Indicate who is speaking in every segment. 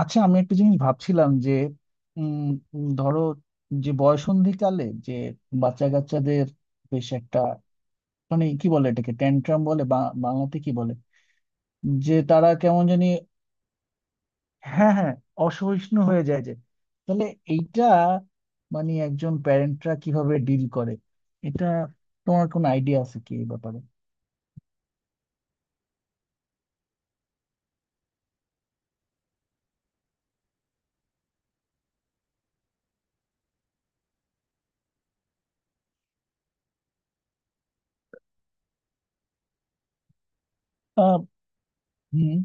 Speaker 1: আচ্ছা, আমি একটা জিনিস ভাবছিলাম যে উম উম, ধরো, যে বয়সন্ধিকালে যে বাচ্চা কাচ্চাদের বেশ একটা, মানে কি বলে, এটাকে ট্যান্ট্রাম বলে বা বাংলাতে কি বলে, যে তারা কেমন জানি, হ্যাঁ হ্যাঁ, অসহিষ্ণু হয়ে যায়, যে তাহলে এইটা মানে একজন প্যারেন্টরা কিভাবে ডিল করে এটা? তোমার কোনো আইডিয়া আছে কি এই ব্যাপারে? আহ, হুম,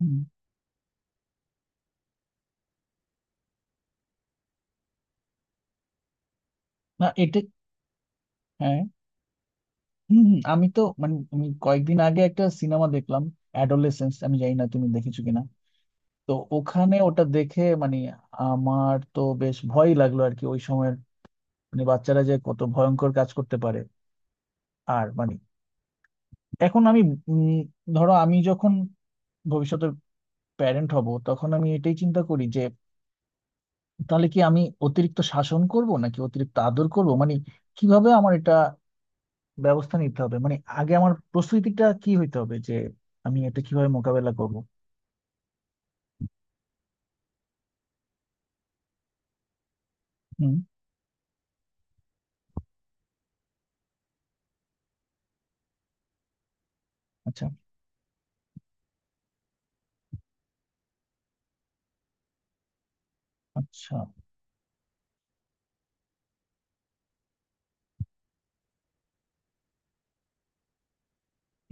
Speaker 1: হুম, না এটা, হ্যাঁ, হম হম, আমি তো মানে আমি কয়েকদিন আগে একটা সিনেমা দেখলাম, অ্যাডোলেসেন্স, আমি জানি না তুমি দেখেছো কিনা। তো ওখানে ওটা দেখে মানে আমার তো বেশ ভয় লাগলো আর কি ওই সময়ের, মানে বাচ্চারা যে কত ভয়ঙ্কর কাজ করতে পারে। আর মানে এখন আমি উম, ধরো, আমি যখন ভবিষ্যতে প্যারেন্ট হব তখন আমি এটাই চিন্তা করি যে তাহলে কি আমি অতিরিক্ত শাসন করব নাকি অতিরিক্ত আদর করব, মানে কিভাবে আমার এটা ব্যবস্থা নিতে হবে, মানে আগে আমার প্রস্তুতিটা কি হইতে হবে যে আমি এটা কিভাবে মোকাবেলা করব। হুম, আচ্ছা, আচ্ছা,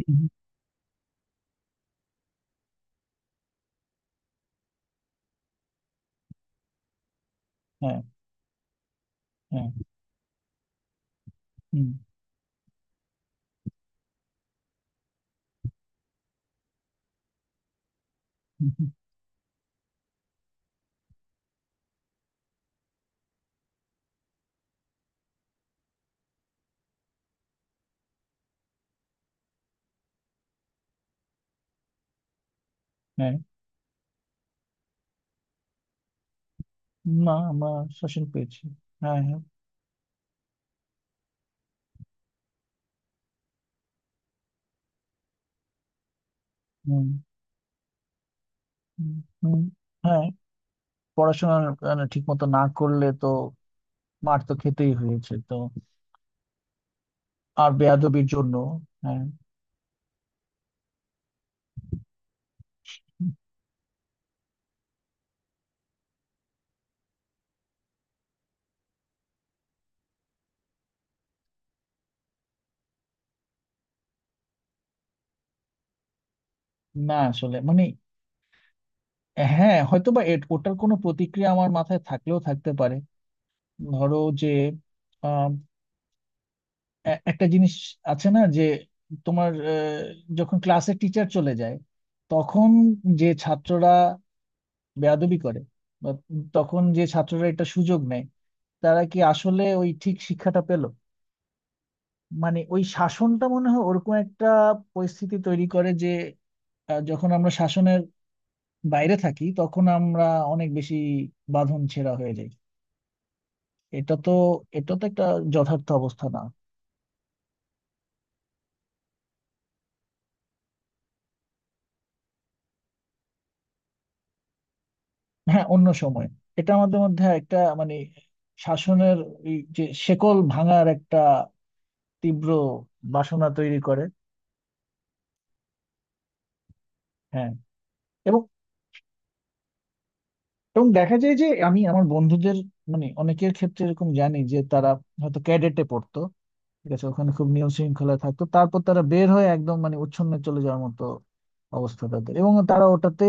Speaker 1: হুম, হ্যাঁ হ্যাঁ, হুম হুম, হুম, হ্যাঁ, না আমরা শাসন পেয়েছি। হ্যাঁ হ্যাঁ, হুম, হুম, হুম, হ্যাঁ, পড়াশোনা ঠিক মতো না করলে তো মার তো খেতেই হয়েছে তো। আর বেয়াদবির জন্য, হ্যাঁ, না আসলে মানে, হ্যাঁ হয়তো বা, ওটার কোনো প্রতিক্রিয়া আমার মাথায় থাকলেও থাকতে পারে। ধরো, যে এ- একটা জিনিস আছে না, যে তোমার যখন ক্লাসে টিচার চলে যায় তখন যে ছাত্ররা বেয়াদবি করে, বা তখন যে ছাত্ররা এটা সুযোগ নেয়, তারা কি আসলে ওই ঠিক শিক্ষাটা পেল? মানে ওই শাসনটা মনে হয় ওরকম একটা পরিস্থিতি তৈরি করে যে, যখন আমরা শাসনের বাইরে থাকি তখন আমরা অনেক বেশি বাঁধন ছেঁড়া হয়ে যাই। এটা তো, এটা তো একটা যথার্থ অবস্থা না। হ্যাঁ অন্য সময় এটা আমাদের মধ্যে একটা মানে শাসনের, এই যে শেকল ভাঙার একটা তীব্র বাসনা তৈরি করে। হ্যাঁ, এবং, এবং দেখা যায় যে আমি আমার বন্ধুদের, মানে অনেকের ক্ষেত্রে এরকম জানি, যে তারা হয়তো ক্যাডেটে পড়তো, ঠিক আছে, ওখানে খুব নিয়ম শৃঙ্খলা থাকতো, তারপর তারা বের হয়ে একদম মানে উচ্ছন্নে চলে যাওয়ার মতো অবস্থা তাদের, এবং তারা ওটাতে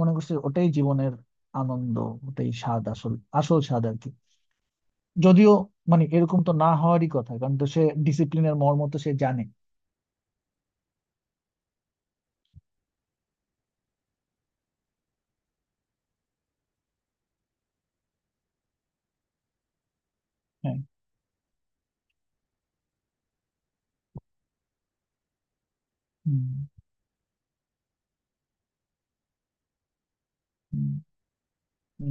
Speaker 1: মনে করছে ওটাই জীবনের আনন্দ, ওটাই স্বাদ আসল, আসল স্বাদ আর কি। যদিও মানে এরকম তো না হওয়ারই কথা, কারণ তো সে ডিসিপ্লিনের মর্ম তো সে জানে। হ্যাঁ, হুম, হুম,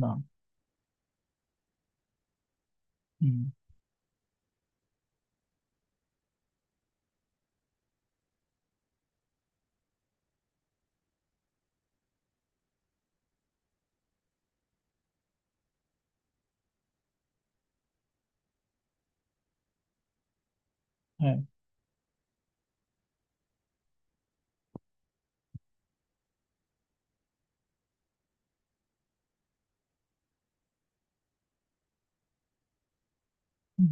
Speaker 1: না, হুম, হ্যাঁ, হুম।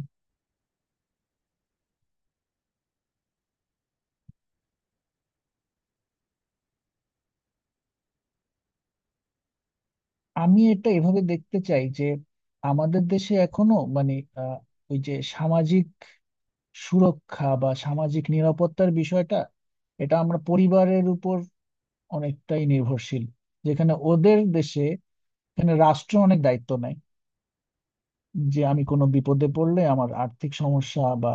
Speaker 1: আমি এটা এভাবে দেখতে চাই যে আমাদের দেশে এখনো মানে আহ, ওই যে সামাজিক সুরক্ষা বা সামাজিক নিরাপত্তার বিষয়টা, এটা আমরা পরিবারের উপর অনেকটাই নির্ভরশীল, যেখানে ওদের দেশে, এখানে রাষ্ট্র অনেক দায়িত্ব নেয়, যে আমি কোনো বিপদে পড়লে আমার আর্থিক সমস্যা বা,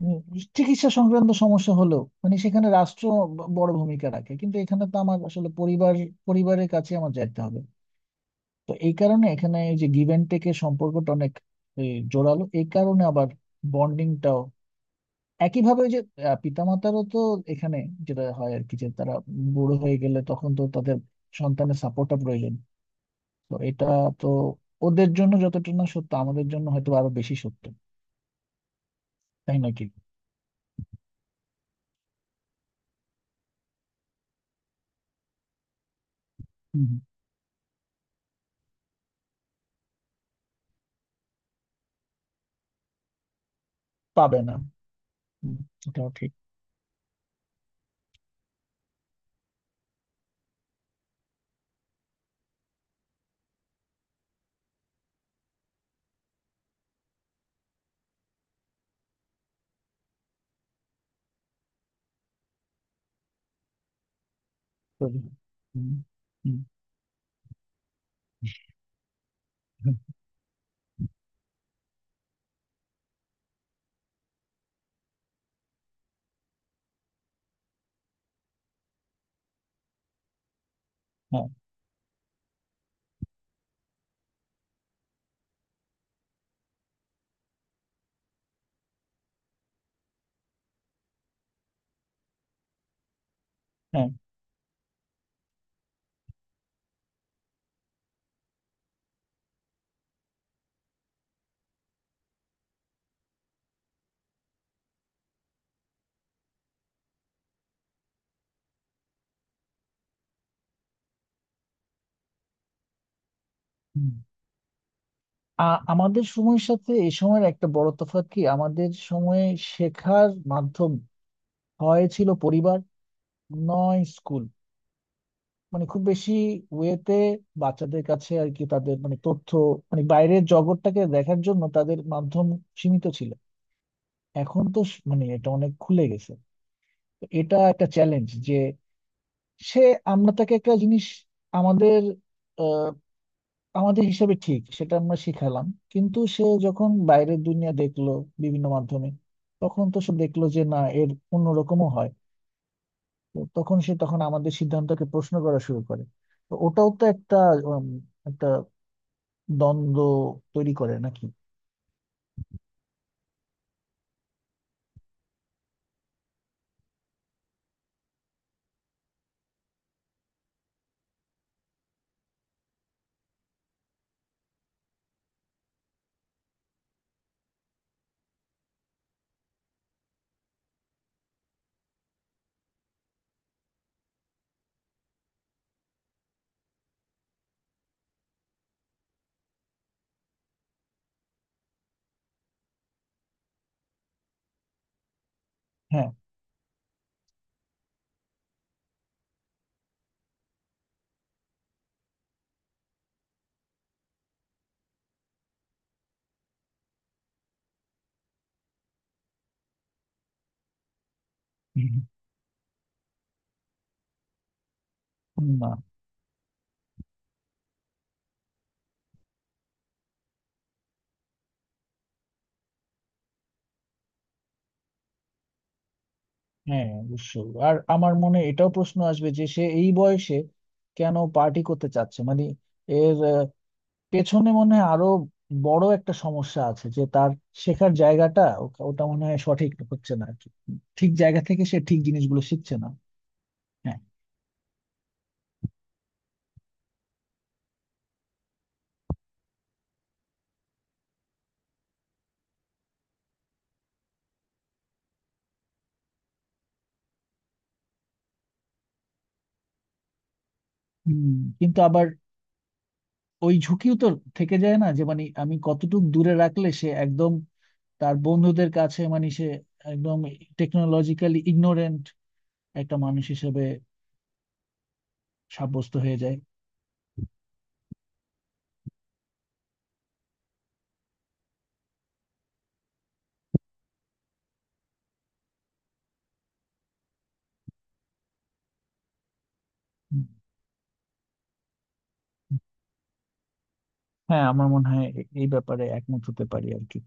Speaker 1: হুম, চিকিৎসা সংক্রান্ত সমস্যা হলো, মানে সেখানে রাষ্ট্র ব- বড় ভূমিকা রাখে, কিন্তু এখানে তো আমার আসলে পরিবার, পরিবারের কাছে আমার যাইতে হবে। তো এই কারণে এখানে এই যে গিভ অ্যান্ড টেকের সম্পর্কটা অনেক এ, জোরালো, এই কারণে আবার বন্ডিংটাও একইভাবে ওই যে পিতামাতারও তো এখানে যেটা হয় আর কি, যে তারা বুড়ো হয়ে গেলে তখন তো তাদের সন্তানের সাপোর্টটা প্রয়োজন। তো এটা তো ওদের জন্য যতটা না সত্য আমাদের জন্য হয়তো আরো বেশি সত্য, তাই নাকি? হুম, পাবে না, হুম, এটাও ঠিক। করি, হুম, হুম, হুম, হ্যাঁ, হ্যাঁ, হুম। আ- আমাদের সময়ের সাথে এই সময়ের একটা বড় তফাৎ কি, আমাদের সময়ে শেখার মাধ্যম হয় ছিল পরিবার নয় স্কুল, মানে খুব বেশি ওয়েতে বাচ্চাদের কাছে আর কি তাদের মানে তথ্য, মানে বাইরের জগৎটাকে দেখার জন্য তাদের মাধ্যম সীমিত ছিল। এখন তো স- মানে এটা অনেক খুলে গেছে। তো এটা একটা চ্যালেঞ্জ যে সে, আমরা তাকে একটা জিনিস আমাদের, আমাদের হিসাবে ঠিক সেটা আমরা শিখালাম, কিন্তু সে যখন বাইরের দুনিয়া দেখলো বিভিন্ন মাধ্যমে তখন তো সে দেখলো যে না এর অন্যরকমও হয়। তো তখন সে, তখন আমাদের সিদ্ধান্তকে প্রশ্ন করা শুরু করে। তো ওটাও তো একটা উম, একটা দ্বন্দ্ব তৈরি করে নাকি? হ্যাঁ, না, হ্যাঁ অবশ্যই, আর আমার মনে এটাও প্রশ্ন আসবে যে সে এই বয়সে কেন পার্টি করতে চাচ্ছে, মানে এর পেছনে মনে হয় আরো বড় একটা সমস্যা আছে, যে তার শেখার জায়গাটা ও- ওটা মনে হয় সঠিক হচ্ছে না আর কি, ঠিক জায়গা থেকে সে ঠিক জিনিসগুলো শিখছে না। হ্যাঁ, হুম, কিন্তু আবার ওই ঝুঁকিও তো থেকে যায় না, যে মানে আমি কতটুকু দূরে রাখলে সে একদম তার বন্ধুদের কাছে, মানে সে একদম টেকনোলজিক্যালি ইগনোরেন্ট একটা মানুষ হিসেবে সাব্যস্ত হয়ে যায়। হুম, হ্যাঁ আমার মনে হয় এ- এই ব্যাপারে একমত হতে পারি আর কি।